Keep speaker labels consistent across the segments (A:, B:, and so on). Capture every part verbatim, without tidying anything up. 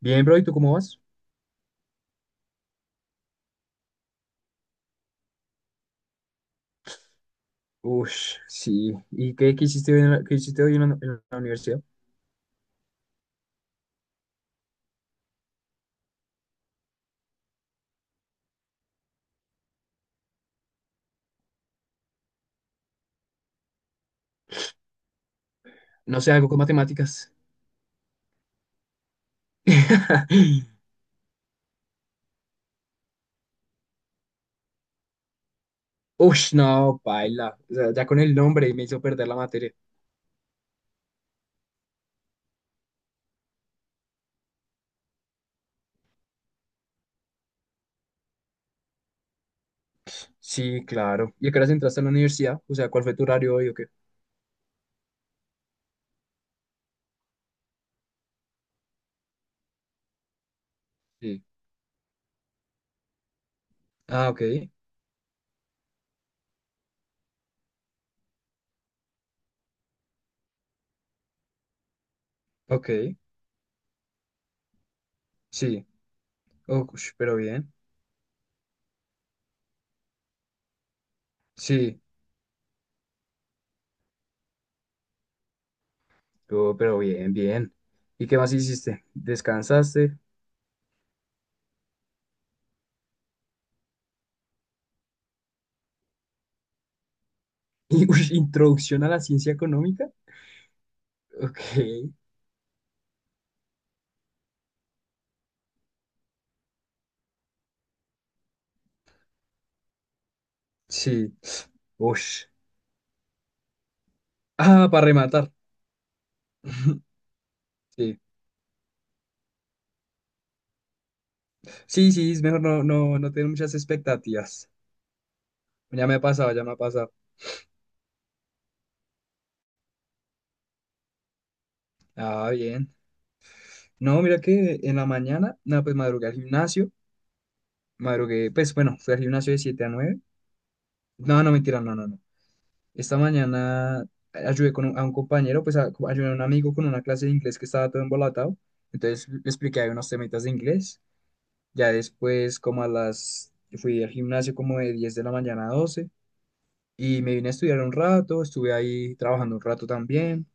A: Bien, bro, ¿y tú cómo vas? Ush, sí. ¿Y qué, qué hiciste hoy en la, qué hiciste hoy en la, en la universidad? No sé, algo con matemáticas. Ush, no, paila. O sea, ya con el nombre me hizo perder la materia. Sí, claro. ¿Y a qué horas entraste a la universidad? O sea, ¿cuál fue tu horario hoy o qué? Sí. Ah, ok, ok. Sí. Ush, pero bien. Sí. Oh, pero bien, bien. ¿Y qué más hiciste? ¿Descansaste? ¿Y ush, introducción a la ciencia económica? Ok. Sí. Ush. Ah, para rematar. Sí. Sí, sí, es mejor no, no, no tener muchas expectativas. Ya me ha pasado, ya me ha pasado. Ah, bien. No, mira que en la mañana, no, pues madrugué al gimnasio. Madrugué, pues bueno, fui al gimnasio de siete a nueve. No, no, mentira, no, no, no. Esta mañana ayudé con un- a un compañero, pues a- ayudé a un amigo con una clase de inglés que estaba todo embolatado. Entonces le expliqué ahí unos temitas de inglés. Ya después, como a las, fui al gimnasio como de diez de la mañana a doce. Y me vine a estudiar un rato, estuve ahí trabajando un rato también.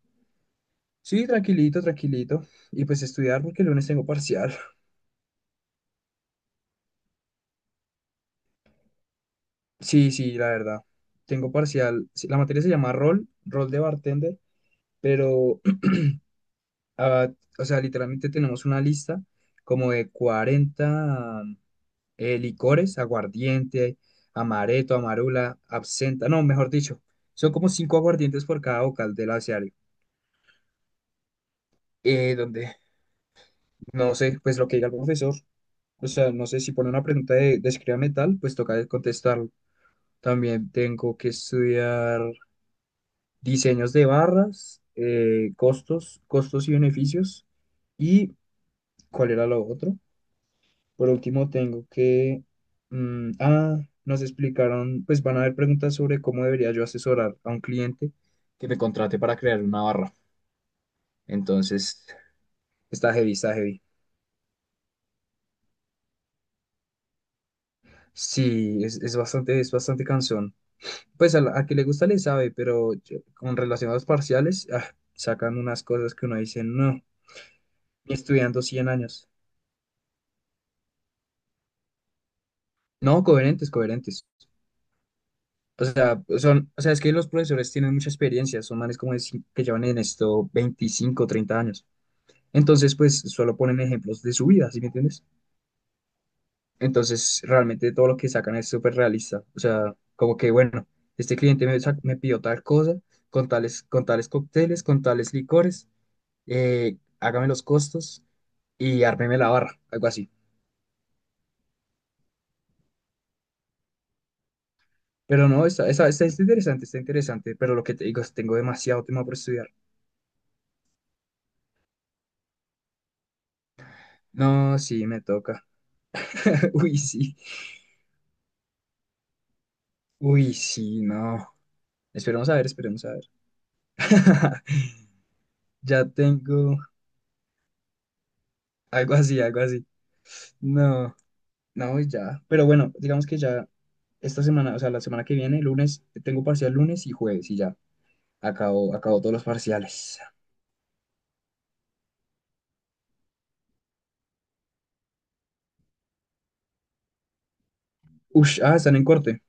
A: Sí, tranquilito, tranquilito. Y pues estudiar porque el lunes tengo parcial. Sí, sí, la verdad. Tengo parcial. sí, La materia se llama rol, rol de bartender, pero, ah, o sea, literalmente tenemos una lista como de cuarenta eh, licores, aguardiente, amaretto, amarula, absenta, no, mejor dicho, son como cinco aguardientes por cada vocal del abecedario. Eh, donde, no sé, pues lo que diga el profesor. O sea, no sé si pone una pregunta de, de escríbame tal, pues toca de contestarlo. También tengo que estudiar diseños de barras, eh, costos, costos y beneficios. ¿Y cuál era lo otro? Por último, tengo que... mm, ah, nos explicaron, pues van a haber preguntas sobre cómo debería yo asesorar a un cliente que me contrate para crear una barra. Entonces, está heavy, está heavy. Sí, es, es bastante, es bastante cansón. Pues a, la- a que le gusta le sabe, pero yo- con relación a los parciales, ah, sacan unas cosas que uno dice, no, ni estudiando cien años. No, coherentes, coherentes. O sea, son, o sea, es que los profesores tienen mucha experiencia, son manes como de cin- que llevan en esto veinticinco, treinta años. Entonces, pues solo ponen ejemplos de su vida, ¿sí me entiendes? Entonces, realmente todo lo que sacan es súper realista. O sea, como que, bueno, este cliente me, sa- me pidió tal cosa, con tales, con tales cócteles, con tales licores. eh, hágame los costos y ármeme la barra, algo así. Pero no, está, está, está, está interesante, está interesante, pero lo que te digo es tengo demasiado tema por estudiar. No, sí, me toca. Uy, sí. Uy, sí, no. Esperemos a ver, esperemos a ver. Ya tengo algo así, algo así. No, no, y ya. Pero bueno, digamos que ya esta semana, o sea, la semana que viene, lunes, tengo parcial lunes y jueves y ya. Acabo, acabo todos los parciales. Ush, ah, están en corte.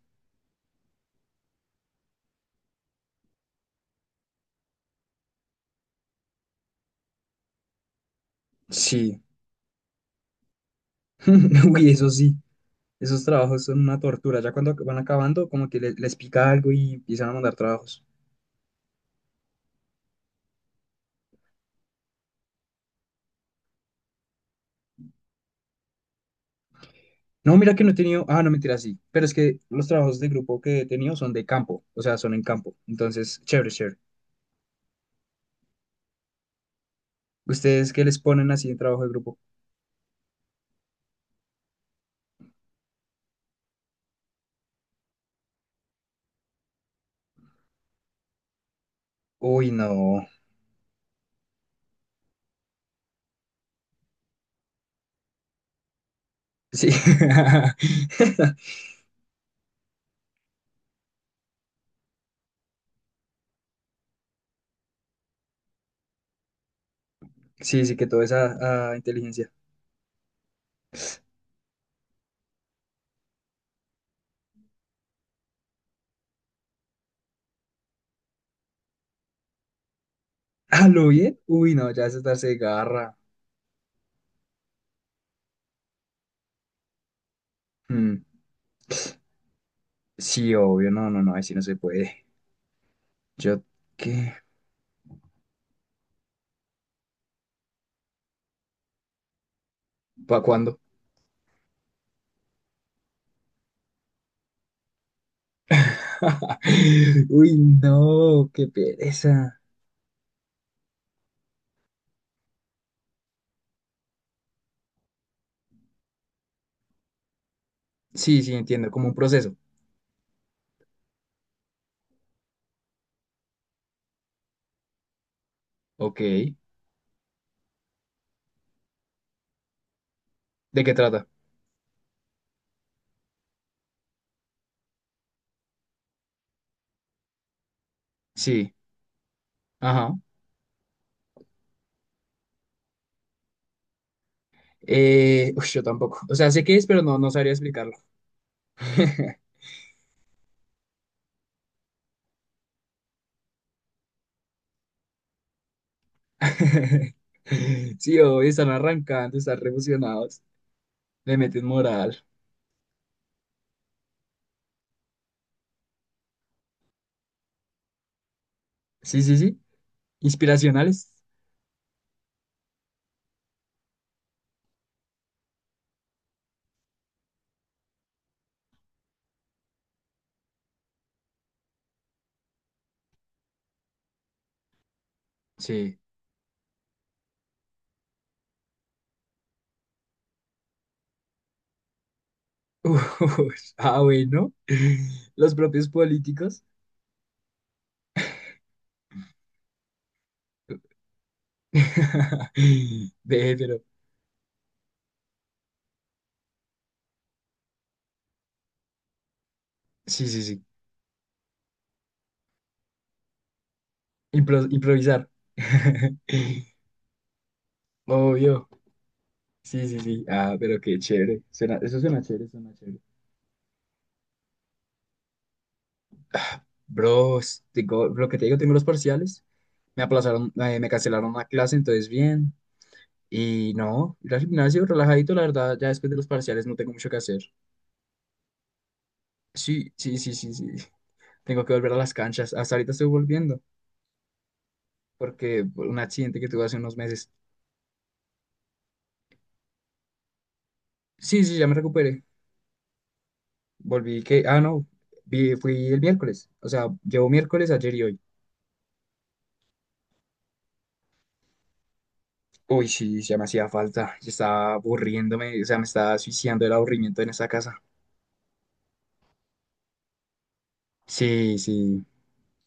A: Sí. Uy, eso sí, esos trabajos son una tortura. Ya cuando van acabando, como que le- les, pica algo y empiezan a mandar trabajos. No, mira que no he tenido, ah, no, mentira, sí. Pero es que los trabajos de grupo que he tenido son de campo, o sea, son en campo. Entonces, chévere, chévere. ¿Ustedes qué les ponen así en trabajo de grupo? Uy, no. Sí. Sí, sí, que toda esa ah, inteligencia. ¿A lo bien? Uy, no, ya es darse garra. Mm, Sí, obvio, no, no, no, así no se puede. Yo, ¿qué? ¿Para cuándo? Uy, no, qué pereza. Sí, sí, entiendo, como un proceso. Ok. ¿De qué trata? Sí. Ajá. Eh, uy, yo tampoco. O sea, sé qué es, pero no, no sabría explicarlo. Sí, hoy están arrancando, están revolucionados. Le meten moral. Sí, sí, sí. Inspiracionales. Sí. Uy, ah, bueno. Los propios políticos. Ve, pero. Sí, sí, sí. Impro- improvisar. Obvio. Sí, sí, sí. Ah, pero qué chévere. Suena, eso suena chévere, suena chévere. Bro, tengo, lo que te digo, tengo los parciales. Me aplazaron, eh, me cancelaron una clase, entonces bien. Y no, ir al gimnasio relajadito, la verdad, ya después de los parciales no tengo mucho que hacer. Sí, sí, sí, sí, sí. Tengo que volver a las canchas. Hasta ahorita estoy volviendo, porque por un accidente que tuve hace unos meses. Sí, sí, ya me recuperé. Volví que, ah, no, vi- fui el miércoles. O sea, llevo miércoles, ayer y hoy. Uy, sí, ya me hacía falta. Ya estaba aburriéndome, o sea, me estaba suicidando el aburrimiento en esta casa. Sí, sí.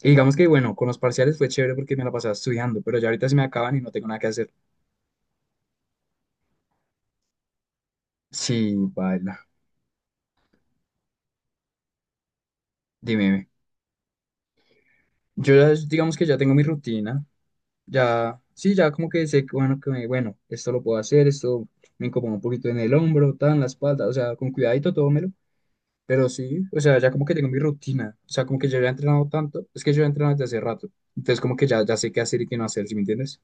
A: Y digamos que, bueno, con los parciales fue chévere porque me la pasaba estudiando, pero ya ahorita se me acaban y no tengo nada que hacer. Sí, baila. Dime. Yo ya, digamos que ya tengo mi rutina. Ya, sí, ya como que sé, que, bueno, que me- bueno, esto lo puedo hacer, esto me incomoda un poquito en el hombro, tan, la espalda, o sea, con cuidadito todo me lo. Pero sí, o sea, ya como que tengo mi rutina. O sea, como que yo ya he entrenado tanto. Es que yo he entrenado desde hace rato. Entonces, como que ya, ya sé qué hacer y qué no hacer, ¿sí me entiendes?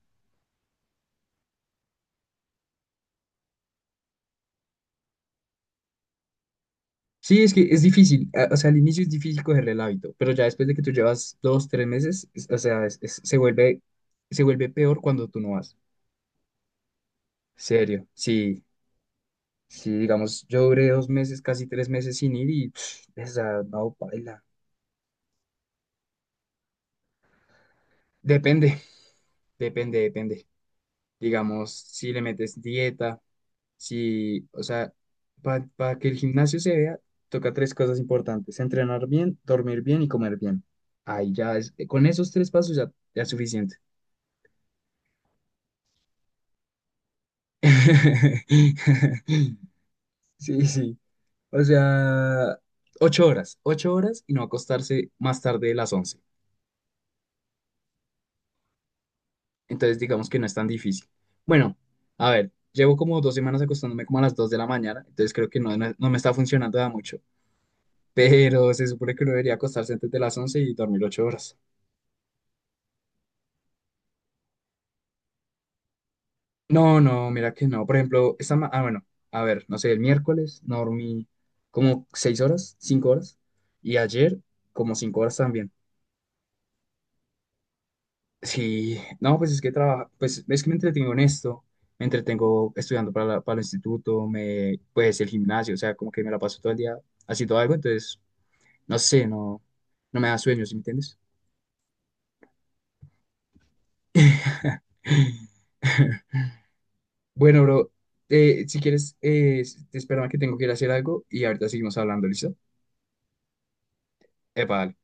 A: Sí, es que es difícil. a- O sea, al inicio es difícil cogerle el hábito. Pero ya después de que tú llevas dos, tres meses, es- o sea, es- es- se vuelve, se vuelve peor cuando tú no vas. Serio. Sí, sí, digamos, yo duré dos meses, casi tres meses sin ir y, pff, o sea, no, paila. Depende, depende, depende. Digamos, si le metes dieta. si, o sea, para que el gimnasio se vea, toca tres cosas importantes: entrenar bien, dormir bien y comer bien. Ahí ya es, eh, con esos tres pasos ya, ya es suficiente. Sí, sí. O sea, ocho horas, ocho horas y no acostarse más tarde de las once. Entonces, digamos que no es tan difícil. Bueno, a ver, llevo como dos semanas acostándome como a las dos de la mañana, entonces creo que no, no, no me está funcionando da mucho. Pero se supone que uno debería acostarse antes de las once y dormir ocho horas. No, no, mira que no. Por ejemplo, esta ma- ah, bueno, a ver, no sé, el miércoles no dormí como seis horas, cinco horas, y ayer como cinco horas también. Sí, no, pues es que trabajo, pues es que me entretengo en esto, me entretengo estudiando para, la- para el instituto, me, pues el gimnasio, o sea, como que me la paso todo el día haciendo algo, entonces, no sé, no, no me da sueño, ¿sí me entiendes? Bueno, bro, eh, si quieres, eh, te espero que tengo que ir a hacer algo y ahorita seguimos hablando, ¿listo? Epa, dale.